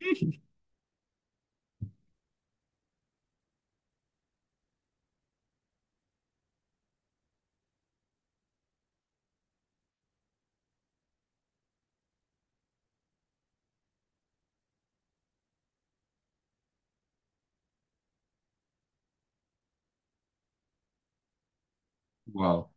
Uau.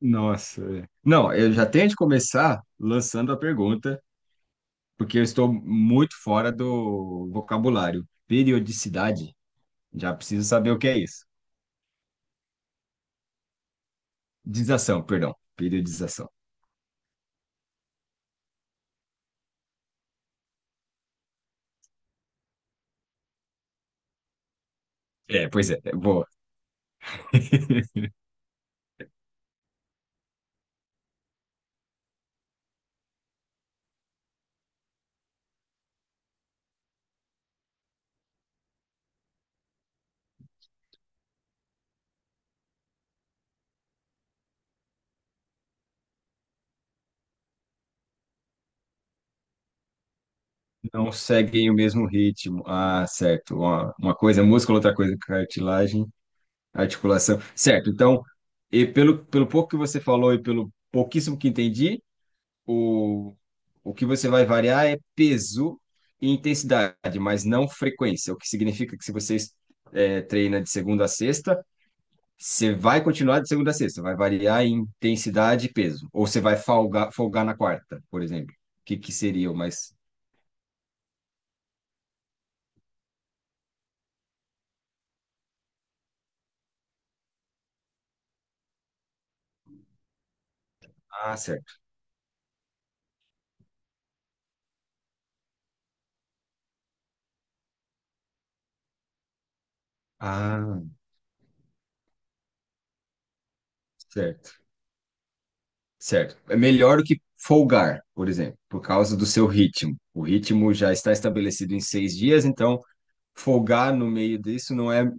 Nossa. É. Não, eu já tenho de começar lançando a pergunta, porque eu estou muito fora do vocabulário. Periodicidade, já preciso saber o que é isso. Dização, perdão. Periodização. É, pois é, é boa. Não seguem o mesmo ritmo. Ah, certo. Uma coisa é músculo, outra coisa é cartilagem, articulação. Certo, então, e pelo pouco que você falou e pelo pouquíssimo que entendi, O, o que você vai variar é peso e intensidade, mas não frequência, o que significa que se você treina de segunda a sexta, você vai continuar de segunda a sexta, vai variar em intensidade e peso. Ou você vai folgar, folgar na quarta, por exemplo. O que seria o mais. Ah, certo. Ah, certo. Certo. É melhor do que folgar, por exemplo, por causa do seu ritmo. O ritmo já está estabelecido em 6 dias, então folgar no meio disso não é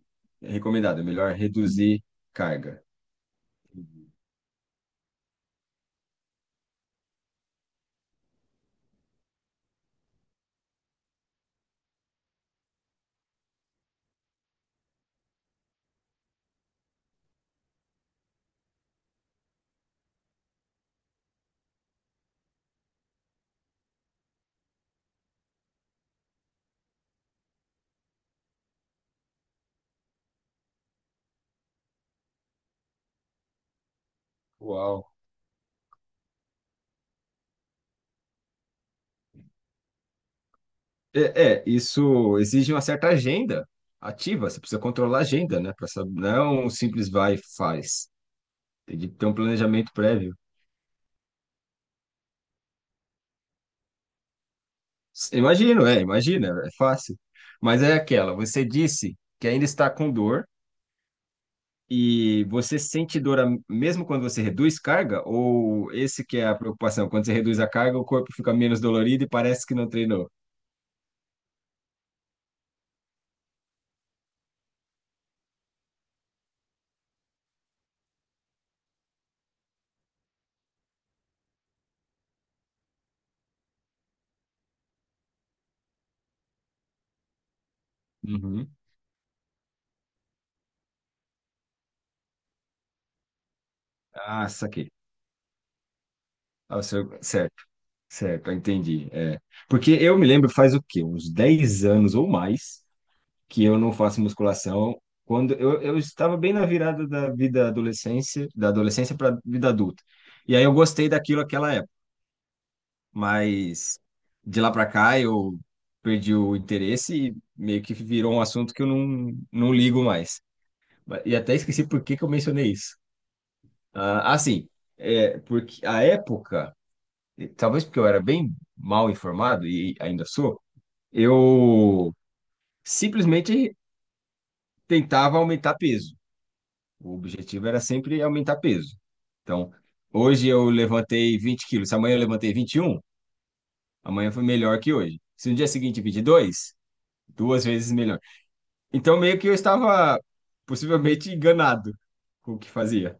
recomendado, é melhor reduzir carga. Uau. É, isso exige uma certa agenda ativa, você precisa controlar a agenda, né? Pra saber, não é um simples vai e faz. Tem que ter um planejamento prévio. Imagino, é, imagina, é fácil. Mas é aquela, você disse que ainda está com dor e você sente dor mesmo quando você reduz carga, ou esse que é a preocupação, quando você reduz a carga, o corpo fica menos dolorido e parece que não treinou? Uhum. Ah, saquei. Ah, certo, certo, eu entendi. É. Porque eu me lembro faz o quê? Uns 10 anos ou mais que eu não faço musculação. Quando eu estava bem na virada da vida adolescência, da adolescência para vida adulta. E aí eu gostei daquilo naquela época, mas de lá para cá eu perdi o interesse e meio que virou um assunto que eu não ligo mais. E até esqueci por que que eu mencionei isso. Ah, assim, é, porque a época e talvez porque eu era bem mal informado e ainda sou, eu simplesmente tentava aumentar peso. O objetivo era sempre aumentar peso. Então, hoje eu levantei 20 quilos. Se amanhã eu levantei 21, amanhã foi melhor que hoje. Se no dia seguinte 22, duas vezes melhor. Então, meio que eu estava possivelmente enganado com o que fazia.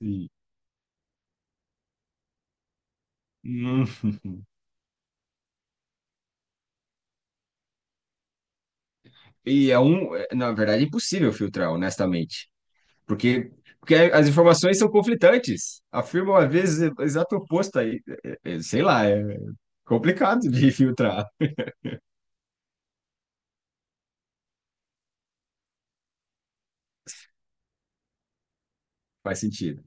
Sim. Hum. E é um, é, na verdade, é impossível filtrar, honestamente. Porque, porque as informações são conflitantes, afirmam às vezes o exato oposto aí. É, Sei lá, é complicado de filtrar. Faz sentido.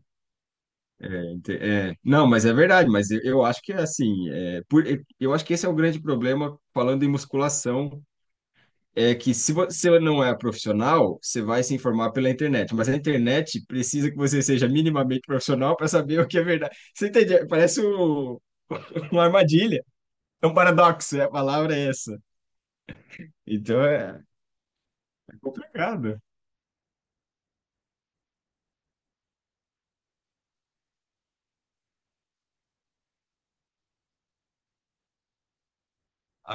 É, é, não, mas é verdade, mas eu acho que é assim, é, eu acho que esse é o grande problema falando em musculação, é que se você não é profissional, você vai se informar pela internet, mas a internet precisa que você seja minimamente profissional para saber o que é verdade. Você entende? Parece uma armadilha, é um paradoxo, é, a palavra é essa. Então, complicado.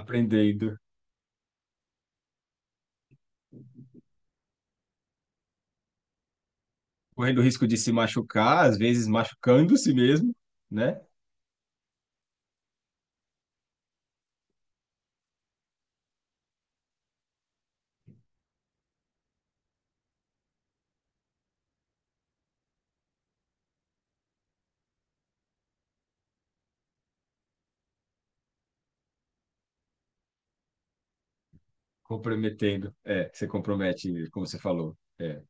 Aprendendo, correndo o risco de se machucar, às vezes machucando-se mesmo, né? Comprometendo. É, você compromete, como você falou. É.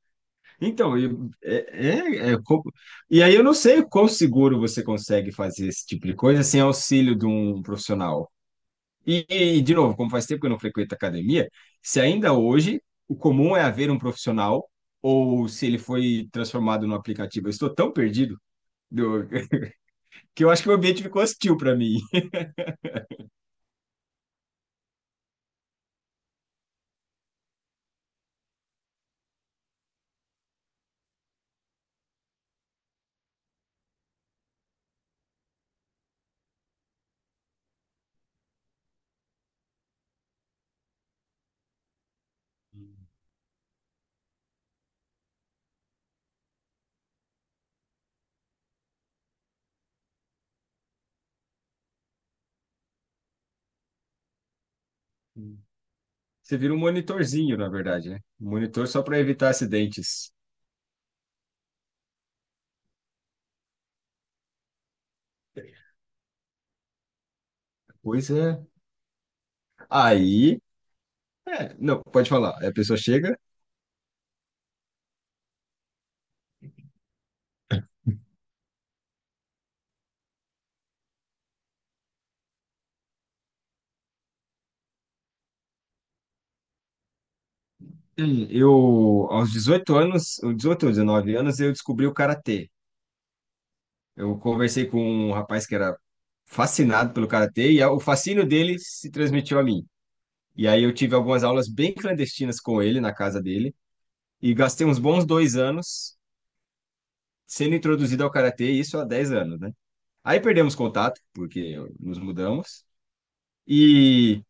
Então, e, é, é, e aí eu não sei o quão seguro você consegue fazer esse tipo de coisa sem auxílio de um profissional. E, de novo, como faz tempo que eu não frequento academia, se ainda hoje o comum é haver um profissional, ou se ele foi transformado num aplicativo, eu estou tão perdido do- que eu acho que o ambiente ficou hostil para mim. Hum. Você vira um monitorzinho, na verdade, né? Um monitor só para evitar acidentes. Pois é. Aí, é, não, pode falar. Aí a pessoa chega. Eu, aos 18 anos, ou 18 ou 19 anos, eu descobri o karatê. Eu conversei com um rapaz que era fascinado pelo karatê e o fascínio dele se transmitiu a mim. E aí eu tive algumas aulas bem clandestinas com ele na casa dele e gastei uns bons 2 anos sendo introduzido ao karatê, e isso há 10 anos, né? Aí perdemos contato, porque nos mudamos. E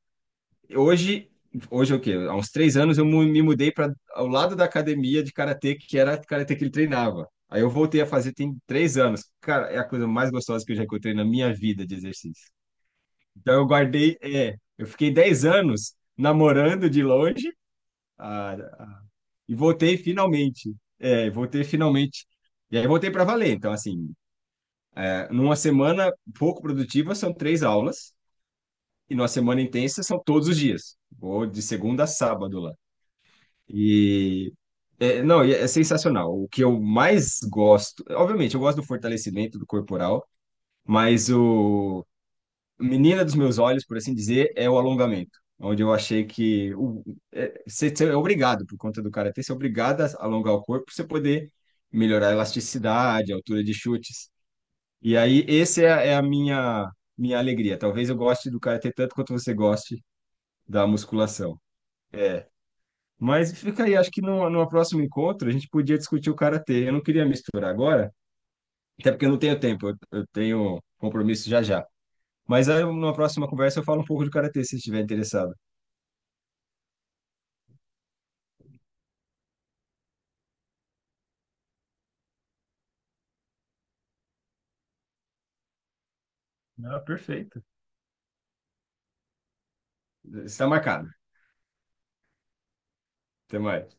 hoje, hoje é o quê? Há uns 3 anos eu me mudei para ao lado da academia de karatê, que era a karatê que ele treinava. Aí eu voltei a fazer tem 3 anos. Cara, é a coisa mais gostosa que eu já encontrei na minha vida de exercício. Então eu guardei, é, eu fiquei 10 anos namorando de longe, ah, e voltei finalmente. É, voltei finalmente. E aí voltei para valer. Então, assim, é, numa semana pouco produtiva, são três aulas. E numa semana intensa são todos os dias. Vou de segunda a sábado lá. E é, não, e é sensacional. O que eu mais gosto, obviamente, eu gosto do fortalecimento do corporal, mas o menina dos meus olhos, por assim dizer, é o alongamento. Onde eu achei que o, é, você é obrigado, por conta do karatê, você é obrigado a alongar o corpo para você poder melhorar a elasticidade, a altura de chutes. E aí, esse é, é a minha alegria. Talvez eu goste do karatê tanto quanto você goste da musculação. É. Mas fica aí, acho que numa próximo encontro a gente podia discutir o karatê. Eu não queria misturar agora, até porque eu não tenho tempo, eu tenho compromisso já já. Mas aí, numa próxima conversa eu falo um pouco de karatê, se estiver interessado. Ah, perfeito. Está marcado. Até mais.